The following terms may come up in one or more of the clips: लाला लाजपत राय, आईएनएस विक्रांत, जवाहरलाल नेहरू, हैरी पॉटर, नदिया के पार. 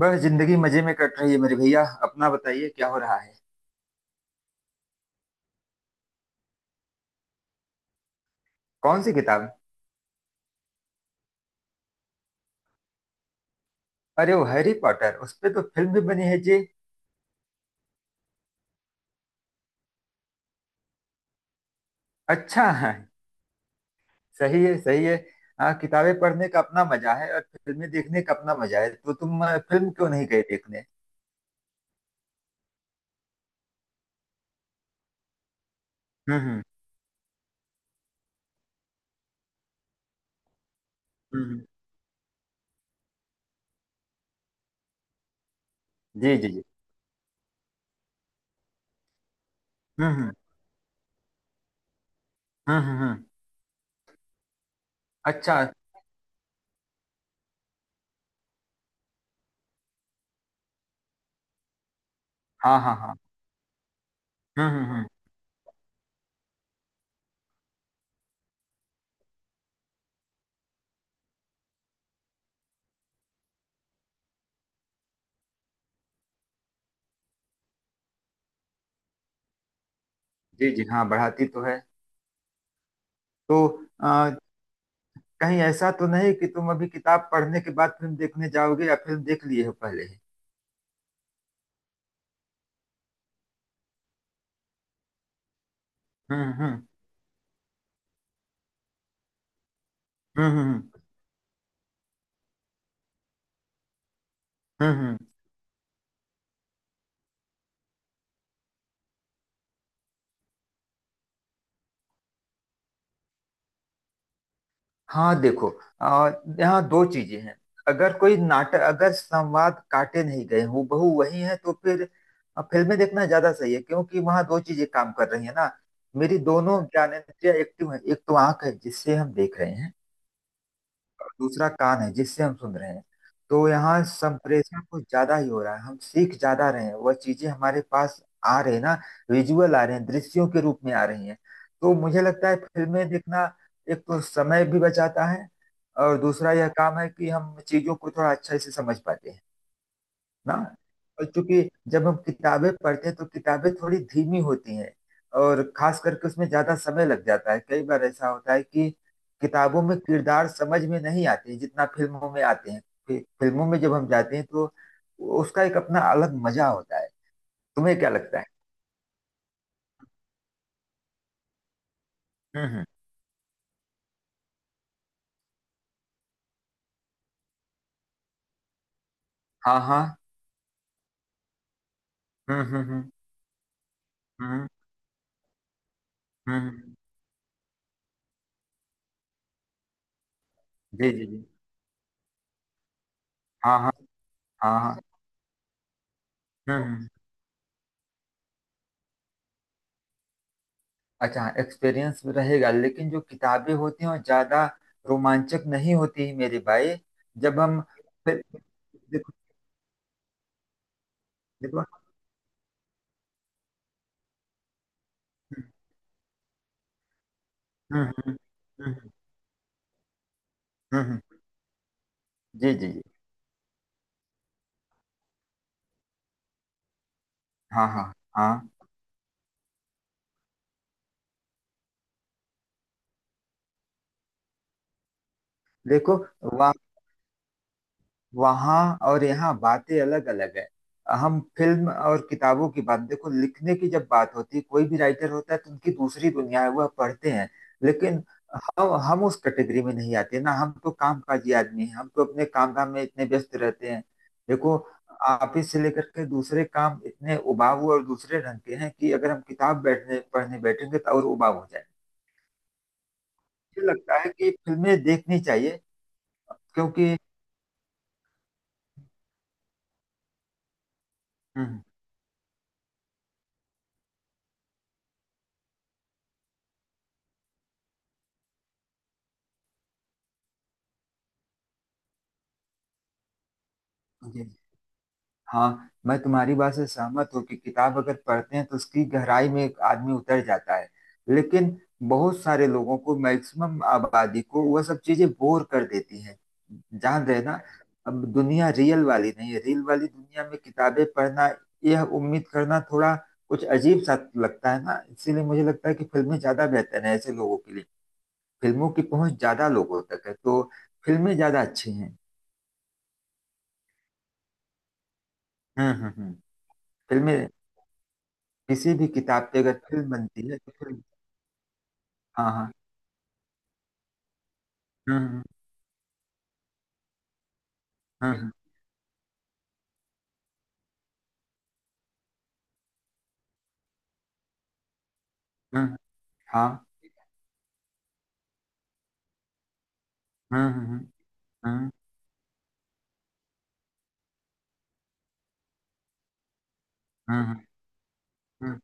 बस जिंदगी मजे में कट रही है मेरे भैया। अपना बताइए क्या हो रहा है। कौन सी किताब? अरे वो हैरी पॉटर, उस पे तो फिल्म भी बनी है जी। अच्छा है। सही है, सही है। हाँ, किताबें पढ़ने का अपना मजा है और फिल्में देखने का अपना मजा है, तो तुम फिल्म क्यों नहीं गए देखने। हम्म हम्म हम्म, हम्म, जी जी जी। हम्म हम्म हम्म। अच्छा। हाँ हाँ हाँ। हम्म। जी जी। हाँ, बढ़ाती तो है। तो अ, कहीं ऐसा तो नहीं कि तुम अभी किताब पढ़ने के बाद फिल्म देखने जाओगे या फिल्म देख लिए हो पहले ही। हम्म हम्म हम्म हम्म, हम्म। हम्म। हाँ देखो, आ, यहाँ दो चीजें हैं। अगर कोई नाटक अगर संवाद काटे नहीं गए हूबहू वही है तो फिर फिल्में देखना ज्यादा सही है क्योंकि वहाँ दो चीजें काम कर रही है ना। मेरी दोनों ज्ञानेंद्रियां एक्टिव है, एक तो आंख है जिससे हम देख रहे हैं और दूसरा कान है जिससे हम सुन रहे हैं। तो यहाँ संप्रेषण कुछ ज्यादा ही हो रहा है, हम सीख ज्यादा रहे हैं, वह चीजें हमारे पास आ रहे हैं ना। विजुअल आ रहे हैं, दृश्यों के रूप में आ रही हैं। तो मुझे लगता है फिल्में देखना एक तो समय भी बचाता है और दूसरा यह काम है कि हम चीजों को थोड़ा अच्छे से समझ पाते हैं ना। और चूंकि जब हम किताबें पढ़ते हैं तो किताबें थोड़ी धीमी होती हैं, और खास करके उसमें ज्यादा समय लग जाता है। कई बार ऐसा होता है कि किताबों में किरदार समझ में नहीं आते जितना फिल्मों में आते हैं। फिल्मों में जब हम जाते हैं तो उसका एक अपना अलग मजा होता है। तुम्हें क्या लगता है? हम्म। हाँ हाँ। हम्म हम्म हम्म हम्म। जी जी जी। हाँ हाँ हाँ हाँ। हम्म। अच्छा एक्सपीरियंस भी रहेगा, लेकिन जो किताबें होती हैं वो ज्यादा रोमांचक नहीं होती मेरे भाई। जब हम फिर देखो देखो। हम्म हम्म हम्म हम्म, हम्म, हम्म, जी जी जी। हाँ हाँ हाँ। देखो, वहाँ वहाँ और यहाँ बातें अलग अलग है। हम फिल्म और किताबों की बात, देखो, लिखने की जब बात होती है कोई भी राइटर होता है तो उनकी दूसरी दुनिया है, वह पढ़ते हैं। लेकिन हम उस कैटेगरी में नहीं आते ना, हम तो कामकाजी आदमी हैं, हम तो अपने काम धाम में इतने व्यस्त रहते हैं। देखो, ऑफिस से लेकर के दूसरे काम इतने उबाऊ और दूसरे रंग के हैं कि अगर हम किताब बैठने पढ़ने बैठेंगे तो और उबाऊ हो जाए। मुझे लगता है कि फिल्में देखनी चाहिए, क्योंकि हम्म, जी। हाँ, मैं तुम्हारी बात से सहमत हूँ कि किताब अगर पढ़ते हैं तो उसकी गहराई में एक आदमी उतर जाता है। लेकिन बहुत सारे लोगों को, मैक्सिमम आबादी को, वह सब चीजें बोर कर देती हैं। जान रहे ना। अब दुनिया रियल वाली नहीं है, रियल वाली दुनिया में किताबें पढ़ना यह उम्मीद करना थोड़ा कुछ अजीब सा लगता है ना, इसीलिए मुझे लगता है कि फिल्में ज्यादा बेहतर है ऐसे लोगों के लिए। फिल्मों की पहुंच ज्यादा लोगों तक है, तो फिल्में ज्यादा अच्छी हैं। हम्म। फिल्में, किसी भी किताब से अगर फिल्म बनती है तो फिल्म। हाँ हाँ। हम्म हम्म हम्म हम्म, हम्म, हाँ। हम्म हम्म हम्म हम्म हम्म, हम्म,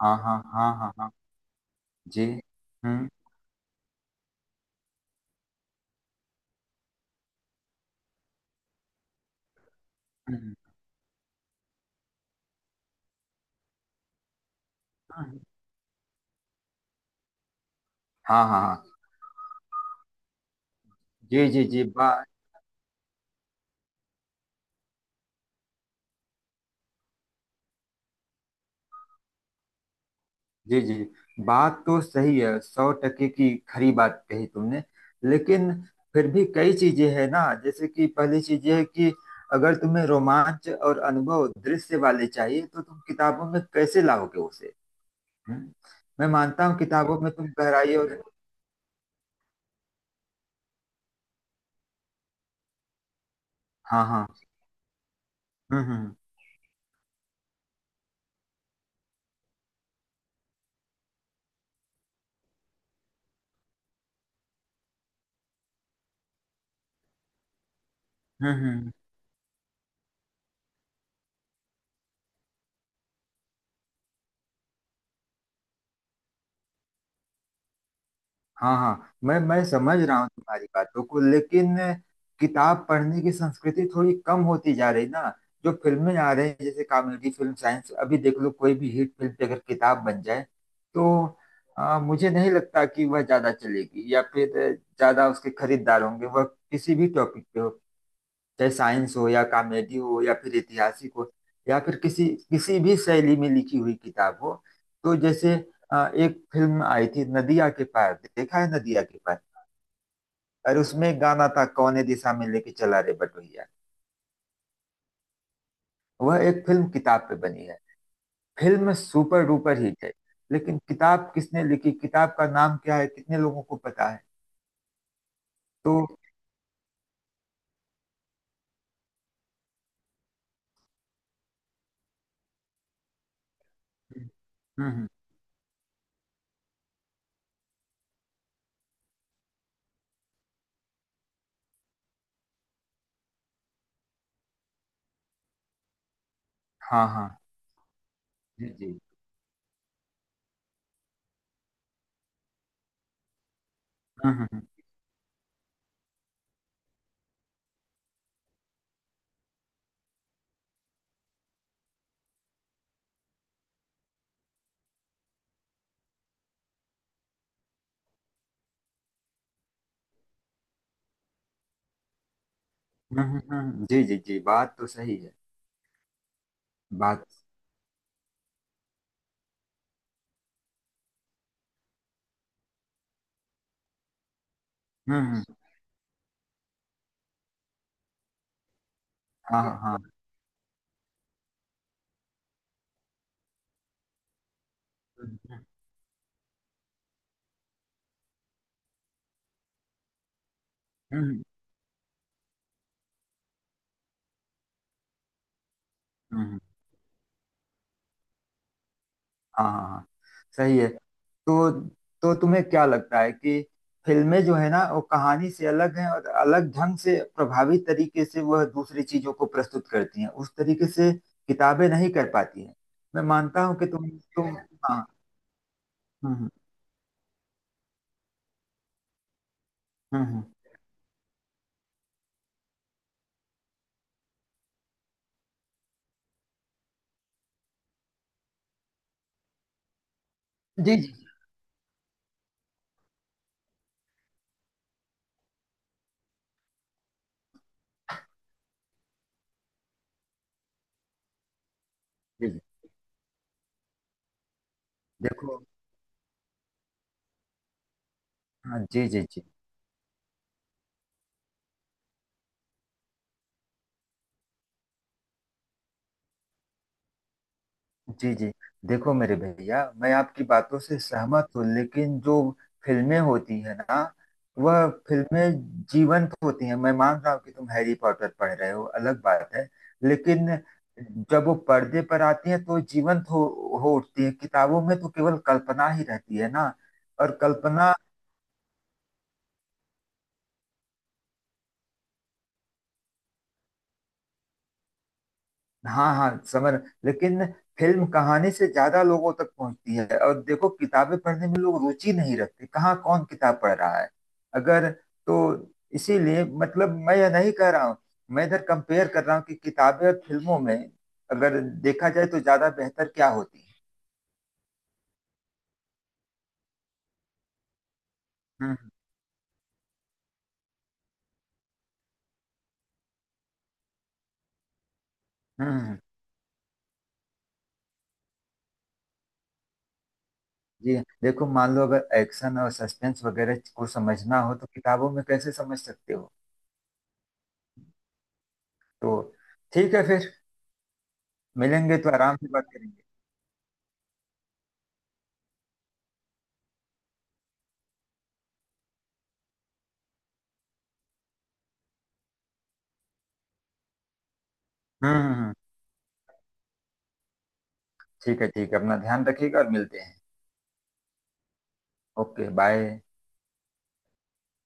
हाँ हाँ हाँ हाँ हाँ। जी। हम्म हम्म, हम्म, हाँ हाँ हाँ। जी जी जी बात। जी जी, बात तो सही है, सौ टके की खरी बात कही तुमने। लेकिन फिर भी कई चीजें हैं ना, जैसे कि पहली चीज ये है कि अगर तुम्हें रोमांच और अनुभव दृश्य वाले चाहिए तो तुम किताबों में कैसे लाओगे उसे। हम्म। मैं मानता हूँ किताबों में तुम गहराई और हाँ हाँ। हम्म हम्म हम्म हम्म, हम्म। हाँ हाँ, मैं समझ रहा हूँ तुम्हारी बातों को, लेकिन किताब पढ़ने की संस्कृति थोड़ी कम होती जा रही ना। जो फिल्में आ रही हैं जैसे कॉमेडी फिल्म, साइंस, अभी देख लो, कोई भी हिट फिल्म पे अगर किताब बन जाए तो मुझे नहीं लगता कि वह ज्यादा चलेगी या फिर ज्यादा उसके खरीदार होंगे, वह किसी भी टॉपिक पे हो, चाहे साइंस हो या कॉमेडी हो या फिर ऐतिहासिक हो, या फिर किसी किसी भी शैली में लिखी हुई किताब हो। तो जैसे एक फिल्म आई थी नदिया के पार, देखा है नदिया के पार? और उसमें एक गाना था, कौने दिशा में लेके चला रे बटोहिया। वह एक फिल्म किताब पे बनी है, फिल्म सुपर डुपर हिट है। लेकिन किताब किसने लिखी, किताब का नाम क्या है, कितने लोगों को पता है? तो हम्म हम्म, हाँ हाँ। जी जी। हम्म हम्म जी जी जी, बात तो सही है। बात हम्म हम्म, हाँ हाँ हाँ। हम्म हम्म, हम्म, हम्म, हाँ हाँ हाँ। सही है। तो तुम्हें क्या लगता है कि फिल्में जो है ना वो कहानी से अलग हैं और अलग ढंग से प्रभावी तरीके से वह दूसरी चीजों को प्रस्तुत करती हैं, उस तरीके से किताबें नहीं कर पाती हैं। मैं मानता हूँ कि तुम हाँ। हम्म हम्म हम्म, हम्म। जी जी जी जी। देखो। हाँ। जी जी जी जी जी। देखो मेरे भैया, मैं आपकी बातों से सहमत हूँ लेकिन जो फिल्में होती है ना वह फिल्में जीवंत होती हैं। मैं मान रहा हूँ कि तुम हैरी पॉटर पढ़ रहे हो, अलग बात है। लेकिन जब वो पर्दे पर आती हैं तो जीवंत हो उठती है, किताबों में तो केवल कल्पना ही रहती है ना। और कल्पना, हाँ हाँ समझ, लेकिन फिल्म कहानी से ज्यादा लोगों तक पहुंचती है, और देखो किताबें पढ़ने में लोग रुचि नहीं रखते, कहाँ कौन किताब पढ़ रहा है अगर तो। इसीलिए, मतलब, मैं यह नहीं कह रहा हूँ, मैं इधर कंपेयर कर रहा हूँ कि किताबें और फिल्मों में अगर देखा जाए तो ज्यादा बेहतर क्या होती है। हम्म हम्म हम्म, हम्म। जी। देखो, मान लो अगर एक्शन और सस्पेंस वगैरह को समझना हो तो किताबों में कैसे समझ सकते हो? तो ठीक है फिर, मिलेंगे तो आराम से बात करेंगे। हम्म हम्म हम्म। ठीक है, ठीक है, अपना ध्यान रखिएगा और मिलते हैं। Okay bye.